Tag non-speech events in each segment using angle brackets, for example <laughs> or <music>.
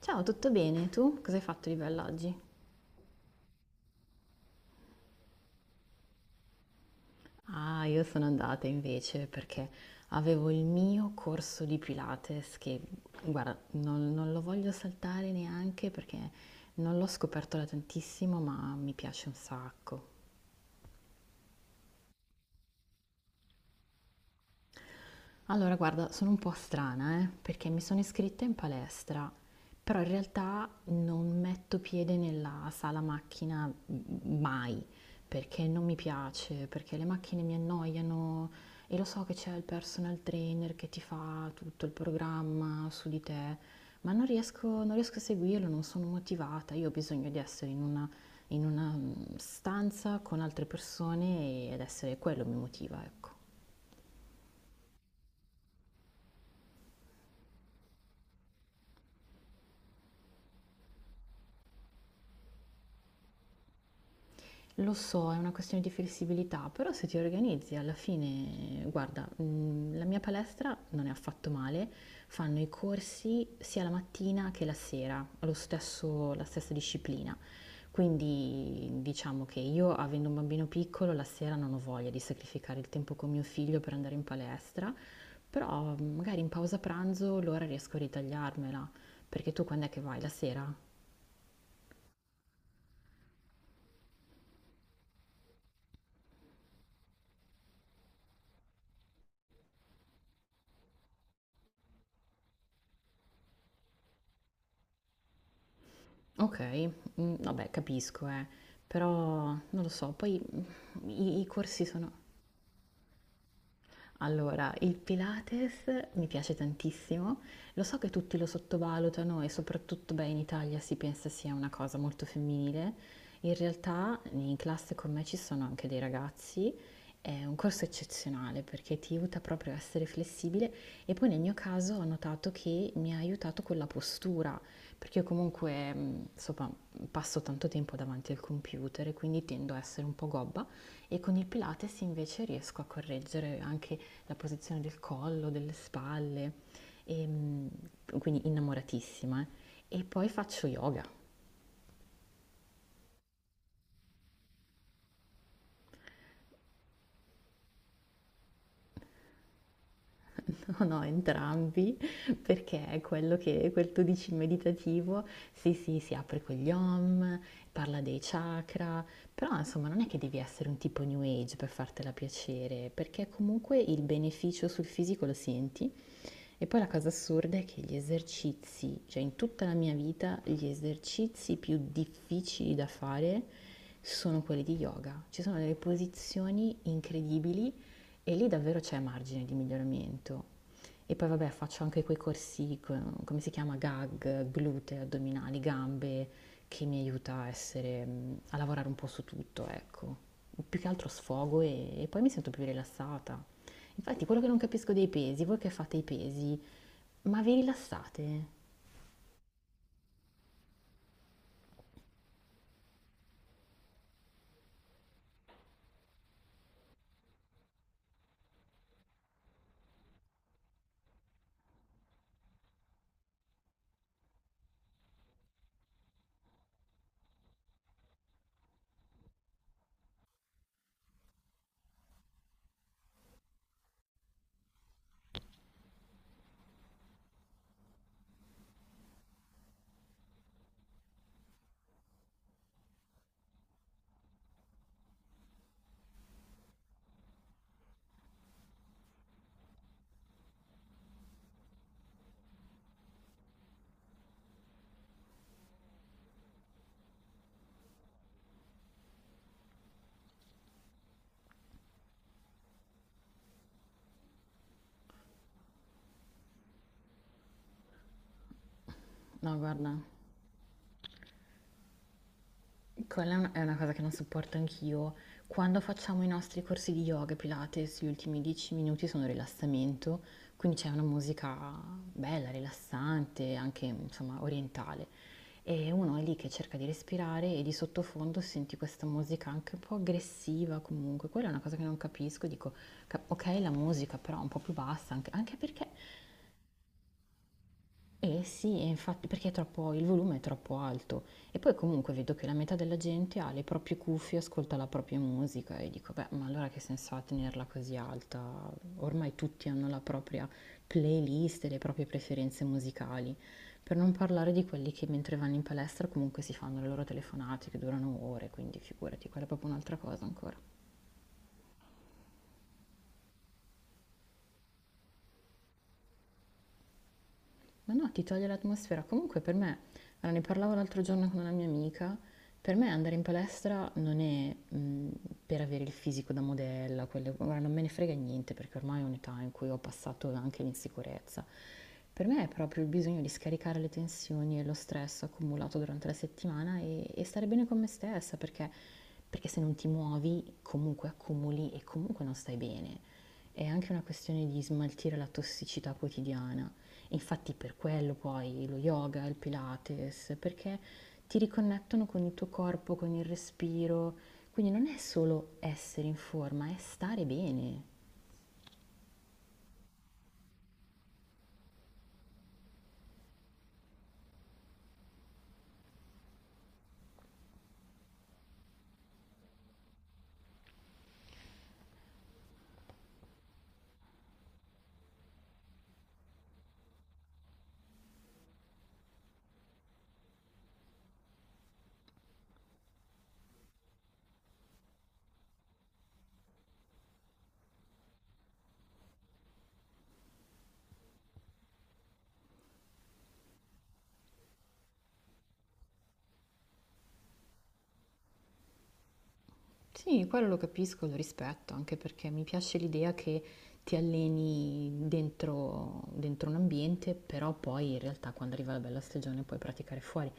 Ciao, tutto bene? Tu cosa hai fatto di bello oggi? Ah, io sono andata invece perché avevo il mio corso di Pilates che, guarda, non lo voglio saltare neanche perché non l'ho scoperto da tantissimo, ma mi piace un sacco. Allora, guarda, sono un po' strana, perché mi sono iscritta in palestra, però in realtà non metto piede nella sala macchina mai, perché non mi piace, perché le macchine mi annoiano e lo so che c'è il personal trainer che ti fa tutto il programma su di te, ma non riesco a seguirlo, non sono motivata, io ho bisogno di essere in una stanza con altre persone ed essere quello mi motiva, ecco. Lo so, è una questione di flessibilità, però se ti organizzi alla fine, guarda, la mia palestra non è affatto male, fanno i corsi sia la mattina che la sera, la stessa disciplina. Quindi diciamo che io, avendo un bambino piccolo, la sera non ho voglia di sacrificare il tempo con mio figlio per andare in palestra, però magari in pausa pranzo l'ora riesco a ritagliarmela, perché tu quando è che vai? La sera? Okay, mhmm, vabbè capisco però non lo so, poi, i corsi sono allora, il Pilates mi piace tantissimo, lo so che tutti lo sottovalutano e soprattutto, beh, in Italia si pensa sia una cosa molto femminile. In realtà in classe con me ci sono anche dei ragazzi, è un corso eccezionale perché ti aiuta proprio a essere flessibile e poi nel mio caso ho notato che mi ha aiutato con la postura, perché io comunque, insomma, passo tanto tempo davanti al computer e quindi tendo a essere un po' gobba e con il Pilates invece riesco a correggere anche la posizione del collo, delle spalle, e, quindi innamoratissima, eh. E poi faccio yoga, <laughs> no, no, entrambi, perché è quello che, quel tu dici meditativo, sì, sì, si apre con gli om, parla dei chakra, però insomma non è che devi essere un tipo new age per fartela piacere, perché comunque il beneficio sul fisico lo senti. E poi la cosa assurda è che gli esercizi, cioè in tutta la mia vita, gli esercizi più difficili da fare sono quelli di yoga. Ci sono delle posizioni incredibili e lì davvero c'è margine di miglioramento. E poi vabbè faccio anche quei corsi, come si chiama, gag, glute, addominali, gambe, che mi aiuta a essere, a lavorare un po' su tutto, ecco. Più che altro sfogo e poi mi sento più rilassata. Infatti, quello che non capisco dei pesi, voi che fate i pesi, ma vi rilassate? No, guarda, è una cosa che non sopporto anch'io. Quando facciamo i nostri corsi di yoga e Pilates, gli ultimi 10 minuti sono rilassamento, quindi c'è una musica bella, rilassante, anche insomma orientale. E uno è lì che cerca di respirare e di sottofondo senti questa musica anche un po' aggressiva comunque. Quella è una cosa che non capisco, dico, ok la musica però un po' più bassa, anche, anche perché eh sì, e infatti perché è troppo, il volume è troppo alto e poi comunque vedo che la metà della gente ha le proprie cuffie, ascolta la propria musica e dico, beh, ma allora che senso ha tenerla così alta? Ormai tutti hanno la propria playlist e le proprie preferenze musicali, per non parlare di quelli che mentre vanno in palestra comunque si fanno le loro telefonate che durano ore, quindi figurati, quella è proprio un'altra cosa ancora. Ma no, ti toglie l'atmosfera. Comunque per me, allora, ne parlavo l'altro giorno con una mia amica, per me andare in palestra non è per avere il fisico da modella, guarda, non me ne frega niente perché ormai è un'età in cui ho passato anche l'insicurezza. Per me è proprio il bisogno di scaricare le tensioni e lo stress accumulato durante la settimana e stare bene con me stessa perché se non ti muovi comunque accumuli e comunque non stai bene. È anche una questione di smaltire la tossicità quotidiana. Infatti per quello poi lo yoga, il Pilates, perché ti riconnettono con il tuo corpo, con il respiro. Quindi non è solo essere in forma, è stare bene. Sì, quello lo capisco, lo rispetto, anche perché mi piace l'idea che ti alleni dentro un ambiente, però poi in realtà quando arriva la bella stagione puoi praticare fuori,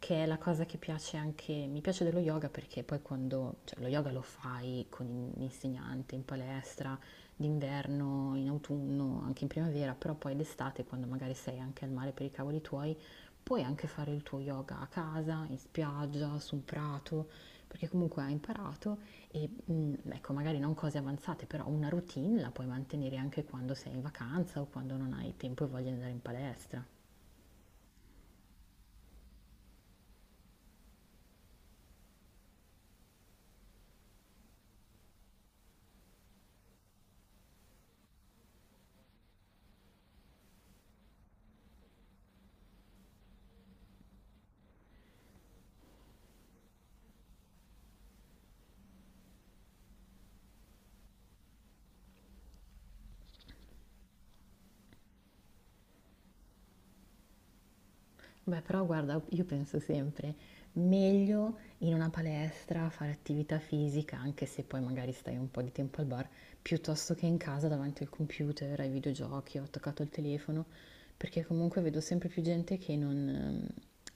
che è la cosa che piace anche, mi piace dello yoga perché poi quando, cioè lo yoga lo fai con un insegnante in palestra, d'inverno, in autunno, anche in primavera, però poi d'estate quando magari sei anche al mare per i cavoli tuoi, puoi anche fare il tuo yoga a casa, in spiaggia, su un prato, perché comunque hai imparato e ecco, magari non cose avanzate, però una routine la puoi mantenere anche quando sei in vacanza o quando non hai tempo e voglia di andare in palestra. Beh, però guarda, io penso sempre, meglio in una palestra fare attività fisica, anche se poi magari stai un po' di tempo al bar, piuttosto che in casa davanti al computer, ai videogiochi, ho attaccato il telefono, perché comunque vedo sempre più gente che non,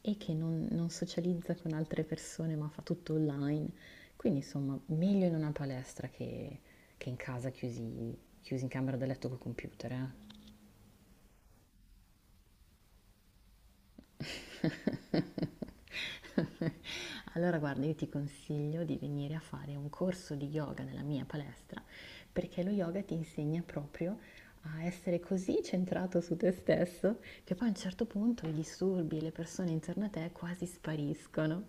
e che non socializza con altre persone, ma fa tutto online. Quindi insomma, meglio in una palestra che in casa chiusi, chiusi in camera da letto col computer, eh. <laughs> <laughs> Allora guarda, io ti consiglio di venire a fare un corso di yoga nella mia palestra, perché lo yoga ti insegna proprio a essere così centrato su te stesso che poi a un certo punto i disturbi e le persone intorno a te quasi spariscono.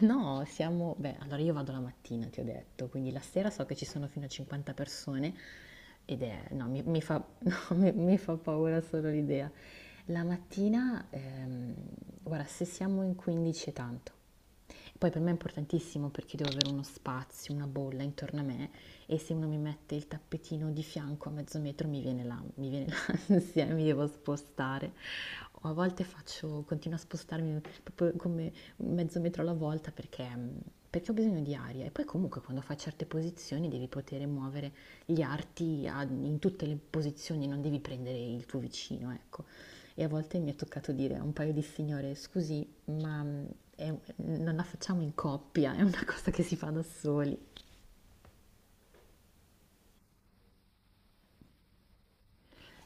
No, siamo... Beh, allora io vado la mattina, ti ho detto, quindi la sera so che ci sono fino a 50 persone ed è... No, mi fa, <laughs> no, mi fa paura solo l'idea. La mattina, guarda, se siamo in 15 è tanto. Poi per me è importantissimo perché devo avere uno spazio, una bolla intorno a me e se uno mi mette il tappetino di fianco a mezzo metro mi viene <laughs> l'ansia, mi devo spostare. O a volte faccio, continuo a spostarmi proprio come mezzo metro alla volta perché ho bisogno di aria. E poi comunque quando fai certe posizioni devi poter muovere gli arti in tutte le posizioni, non devi prendere il tuo vicino, ecco. E a volte mi è toccato dire a un paio di signore, scusi, ma non la facciamo in coppia, è una cosa che si fa da soli.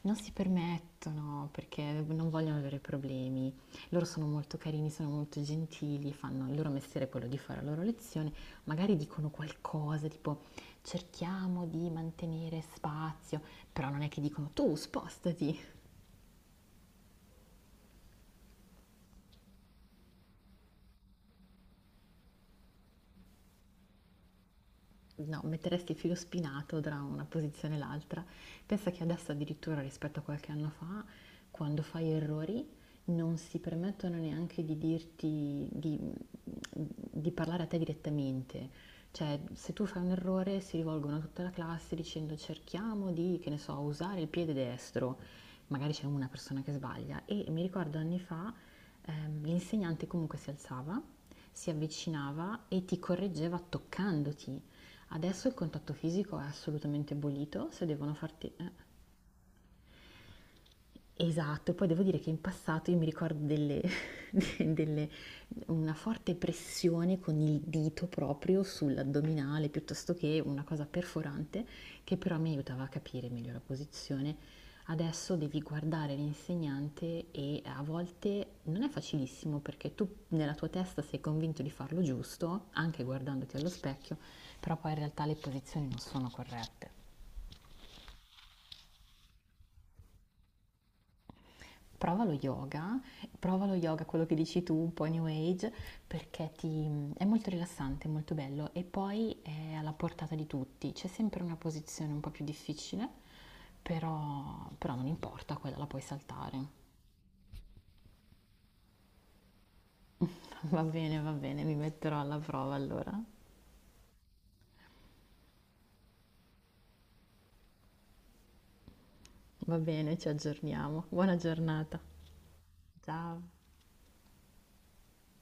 Non si permettono perché non vogliono avere problemi. Loro sono molto carini, sono molto gentili, fanno il loro mestiere è quello di fare la loro lezione, magari dicono qualcosa tipo cerchiamo di mantenere spazio, però non è che dicono tu spostati. No, metteresti il filo spinato tra una posizione e l'altra. Pensa che adesso addirittura rispetto a qualche anno fa, quando fai errori, non si permettono neanche di dirti, di parlare a te direttamente. Cioè, se tu fai un errore, si rivolgono a tutta la classe dicendo cerchiamo di, che ne so, usare il piede destro. Magari c'è una persona che sbaglia. E mi ricordo anni fa, l'insegnante comunque si alzava, si avvicinava e ti correggeva toccandoti. Adesso il contatto fisico è assolutamente abolito, se devono farti.... Esatto, e poi devo dire che in passato io mi ricordo <laughs> de- delle- una forte pressione con il dito proprio sull'addominale, piuttosto che una cosa perforante, che però mi aiutava a capire meglio la posizione. Adesso devi guardare l'insegnante e a volte non è facilissimo perché tu nella tua testa sei convinto di farlo giusto, anche guardandoti allo specchio, però poi in realtà le posizioni non sono corrette. Prova lo yoga, prova lo yoga, quello che dici tu, un po' New Age, perché ti- è molto rilassante, è molto bello e poi è alla portata di tutti. C'è sempre una posizione un po' più difficile, però, però non importa, quella la puoi saltare. <laughs> Va bene, mi metterò alla prova allora. Va bene, ci aggiorniamo. Buona giornata. Ciao.